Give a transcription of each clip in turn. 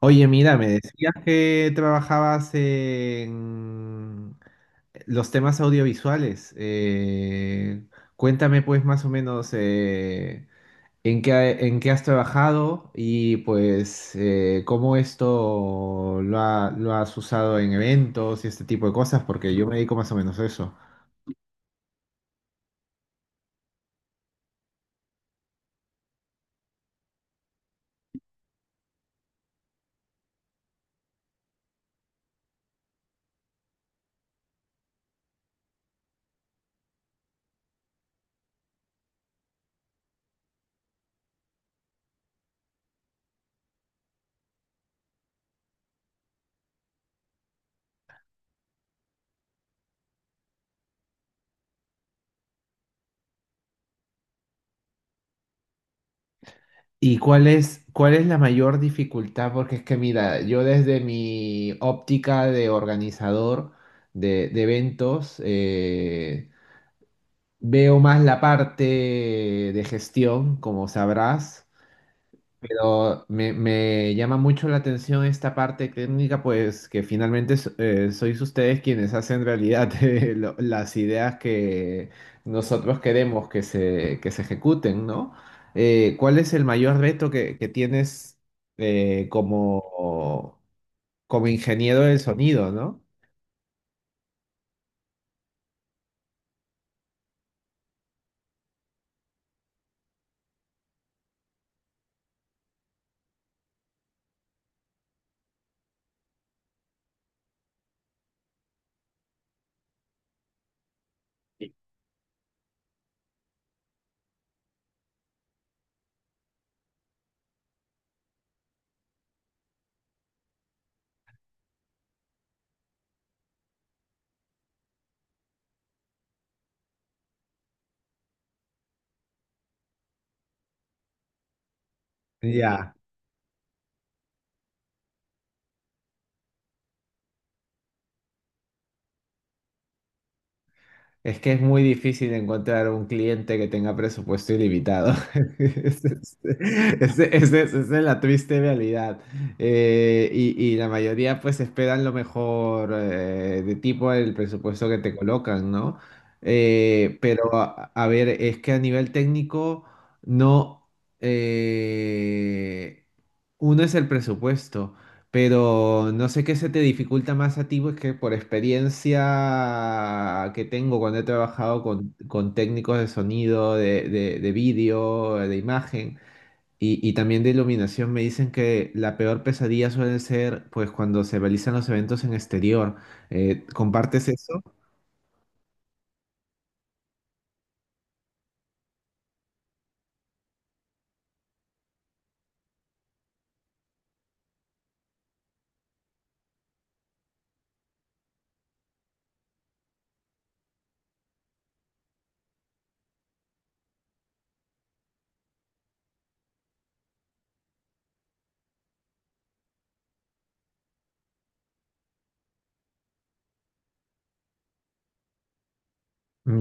Oye, mira, me decías que trabajabas en los temas audiovisuales. Cuéntame, pues, más o menos, en qué has trabajado y pues cómo esto lo has usado en eventos y este tipo de cosas, porque yo me dedico más o menos a eso. ¿Y cuál es la mayor dificultad? Porque es que, mira, yo desde mi óptica de organizador de eventos, veo más la parte de gestión, como sabrás, pero me llama mucho la atención esta parte técnica, pues que finalmente sois ustedes quienes hacen realidad las ideas que nosotros queremos que se ejecuten, ¿no? ¿Cuál es el mayor reto que tienes eh, como, como ingeniero del sonido, ¿no? Ya. Es que es muy difícil encontrar un cliente que tenga presupuesto ilimitado. Ese es- esa es la triste realidad. Y la mayoría pues esperan lo mejor, de tipo el presupuesto que te colocan, ¿no? A ver, es que a nivel técnico no... eh, uno es el presupuesto. Pero no sé qué se te dificulta más a ti, pues que por experiencia que tengo cuando he trabajado con técnicos de sonido, de vídeo, de imagen y también de iluminación, me dicen que la peor pesadilla suele ser pues cuando se realizan los eventos en exterior. ¿Compartes eso?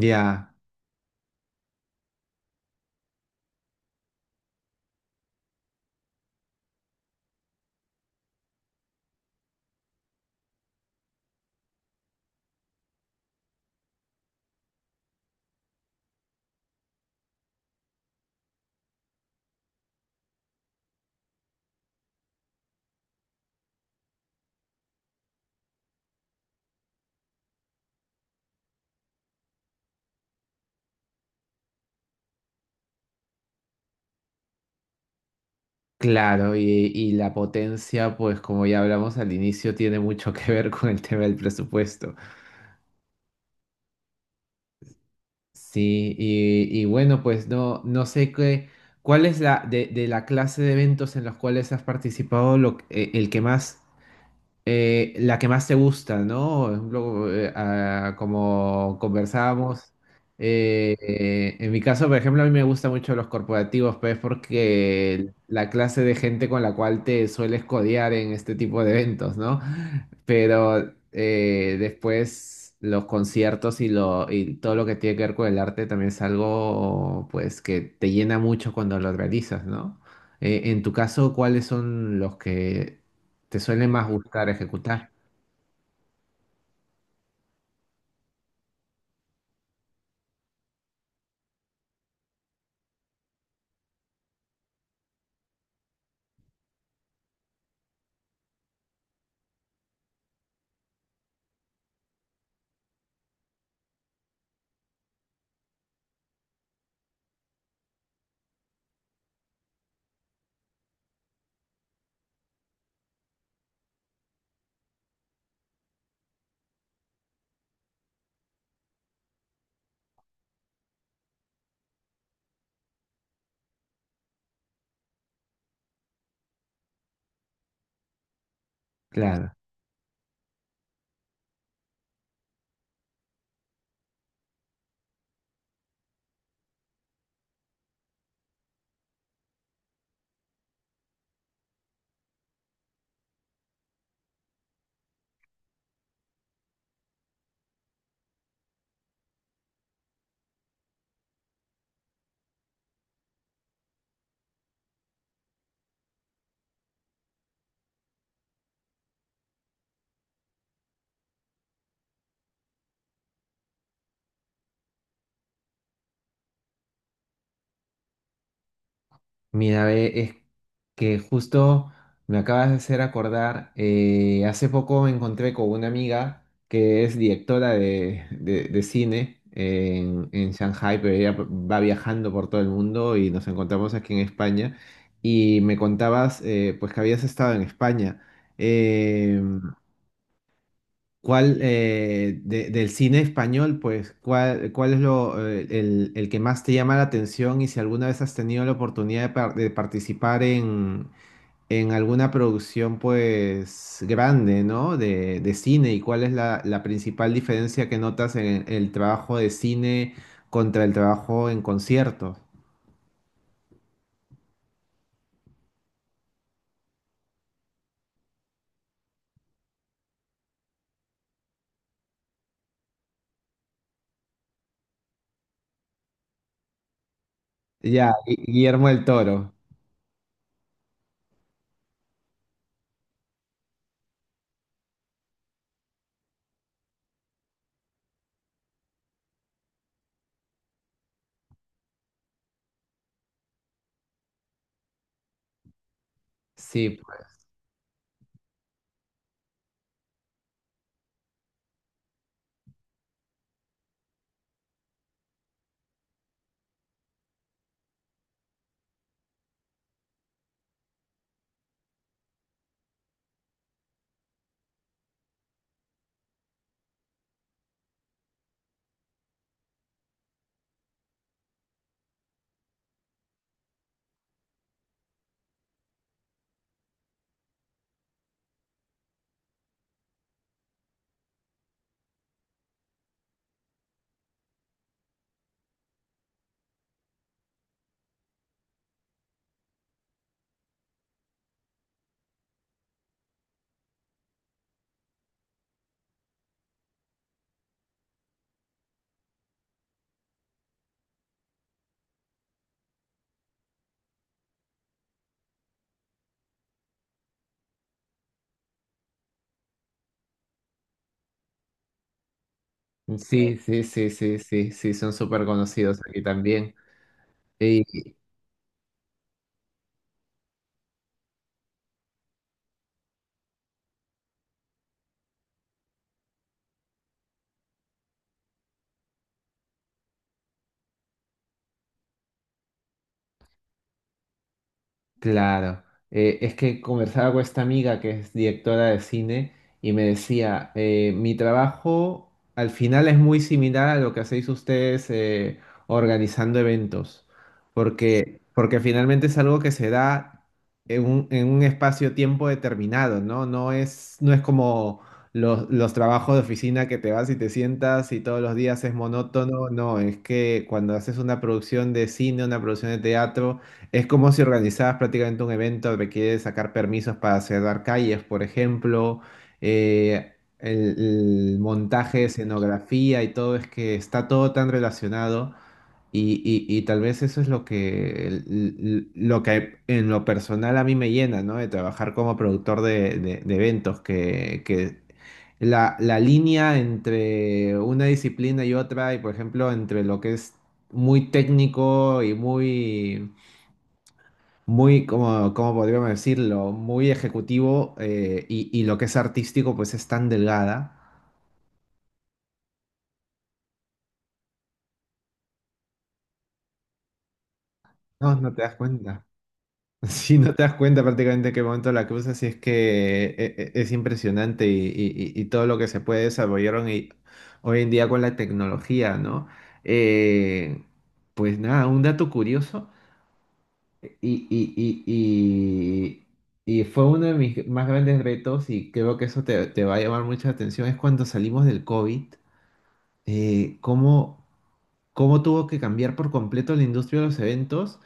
Ya, claro, y la potencia, pues como ya hablamos al inicio, tiene mucho que ver con el tema del presupuesto. Sí, y bueno, pues no sé qué, cuál es la de la clase de eventos en los cuales has participado, el que más la que más te gusta, ¿no? Por ejemplo, como conversábamos, en mi caso, por ejemplo, a mí me gustan mucho los corporativos, pues porque la clase de gente con la cual te sueles codear en este tipo de eventos, ¿no? Pero después los conciertos y, y todo lo que tiene que ver con el arte también es algo, pues, que te llena mucho cuando lo realizas, ¿no? En tu caso, ¿cuáles son los que te suele más gustar ejecutar? Claro. Mira, ve, es que justo me acabas de hacer acordar, hace poco me encontré con una amiga que es directora de, de cine en Shanghai, pero ella va viajando por todo el mundo y nos encontramos aquí en España y me contabas pues que habías estado en España. Em, ¿Cuál del cine español, pues, cuál es el que más te llama la atención? Y si alguna vez has tenido la oportunidad de, de participar en alguna producción, pues, grande, ¿no? De cine. ¿Y cuál es la principal diferencia que notas en el trabajo de cine contra el trabajo en conciertos? Ya, Guillermo del Toro. Sí, pues, sí, son súper conocidos aquí también. Claro, es que conversaba con esta amiga que es directora de cine y me decía, mi trabajo al final es muy similar a lo que hacéis ustedes, organizando eventos, porque finalmente es algo que se da en un espacio-tiempo determinado, ¿no? No es como los trabajos de oficina, que te vas y te sientas y todos los días es monótono. No, es que cuando haces una producción de cine, una producción de teatro, es como si organizabas prácticamente un evento. Requiere sacar permisos para cerrar calles, por ejemplo, el montaje, escenografía y todo. Es que está todo tan relacionado y tal vez eso es lo que, lo que en lo personal a mí me llena, ¿no? De trabajar como productor de, de eventos, que la línea entre una disciplina y otra, y por ejemplo, entre lo que es muy técnico y como, como podríamos decirlo, muy ejecutivo, y lo que es artístico pues es tan delgada. No, no te das cuenta. Sí, no te das cuenta prácticamente en qué momento la cruzas. Y es que es impresionante y, y todo lo que se puede desarrollaron y hoy en día con la tecnología, ¿no? Eh, pues nada, un dato curioso y, y, y, y fue uno de mis más grandes retos, y creo que eso te, te va a llamar mucha atención, es cuando salimos del COVID. eh, cómo, cómo tuvo que cambiar por completo la industria de los eventos.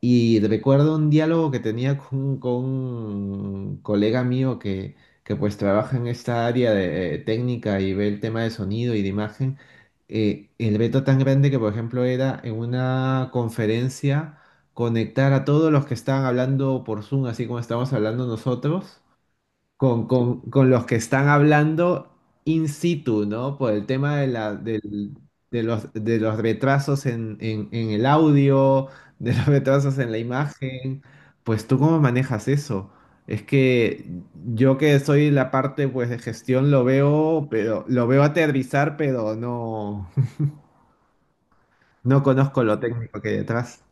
Y recuerdo un diálogo que tenía con un colega mío que pues trabaja en esta área de técnica y ve el tema de sonido y de imagen. El veto tan grande que, por ejemplo, era en una conferencia conectar a todos los que estaban hablando por Zoom, así como estamos hablando nosotros con, con los que están hablando in situ, ¿no? Por el tema de, la, del- de los retrasos en el audio, de los retrasos en la imagen. ¿Pues tú cómo manejas eso? Es que yo, que soy la parte pues de gestión, lo veo, pero lo veo aterrizar, pero no, no conozco lo técnico que hay detrás.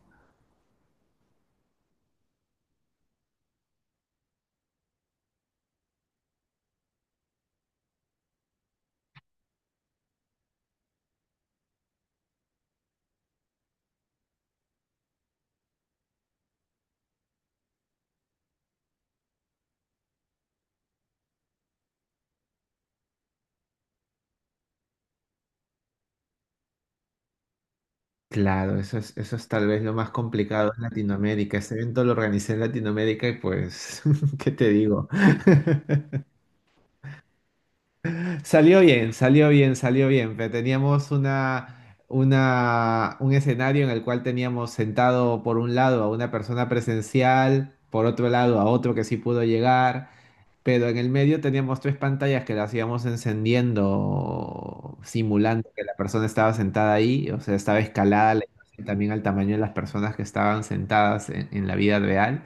Claro, eso es tal vez lo más complicado en Latinoamérica. Ese evento lo organicé en Latinoamérica y pues, ¿qué te digo? Salió bien, salió bien, salió bien. Pero teníamos un escenario en el cual teníamos sentado por un lado a una persona presencial, por otro lado a otro que sí pudo llegar, pero en el medio teníamos tres pantallas que las íbamos encendiendo, simulando que la persona estaba sentada ahí. O sea, estaba escalada la imagen también al tamaño de las personas que estaban sentadas en la vida real,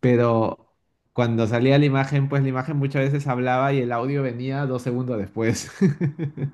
pero cuando salía la imagen, pues la imagen muchas veces hablaba y el audio venía 2 segundos después.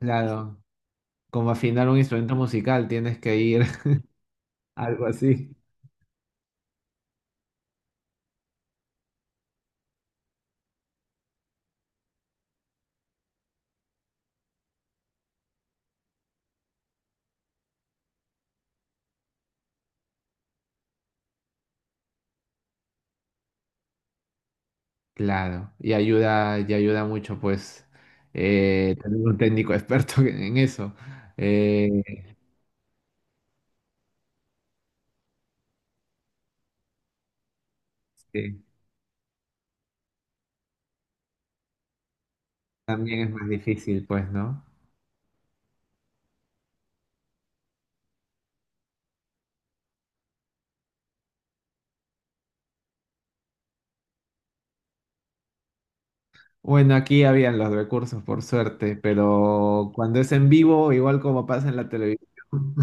Claro, como afinar un instrumento musical, tienes que ir algo así. Claro, y ayuda mucho, pues, tener un técnico experto en eso. Eh, sí, también es más difícil, pues, ¿no? Bueno, aquí habían los recursos, por suerte, pero cuando es en vivo, igual como pasa en la televisión.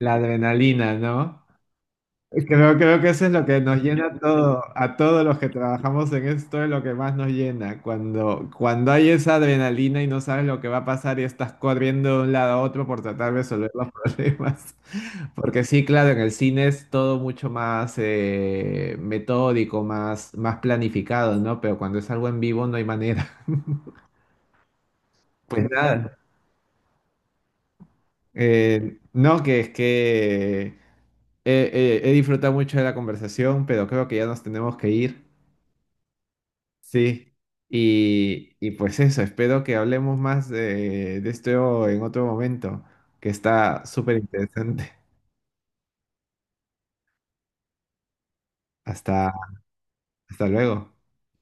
La adrenalina, ¿no? Creo, creo que eso es lo que nos llena a todo, a todos los que trabajamos en esto, es lo que más nos llena. Cuando, cuando hay esa adrenalina y no sabes lo que va a pasar y estás corriendo de un lado a otro por tratar de resolver los problemas. Porque sí, claro, en el cine es todo mucho más, metódico, más, más planificado, ¿no? Pero cuando es algo en vivo no hay manera. Pues nada. No, que es que he disfrutado mucho de la conversación, pero creo que ya nos tenemos que ir. Sí. Y pues eso, espero que hablemos más de esto en otro momento, que está súper interesante. Hasta, hasta luego.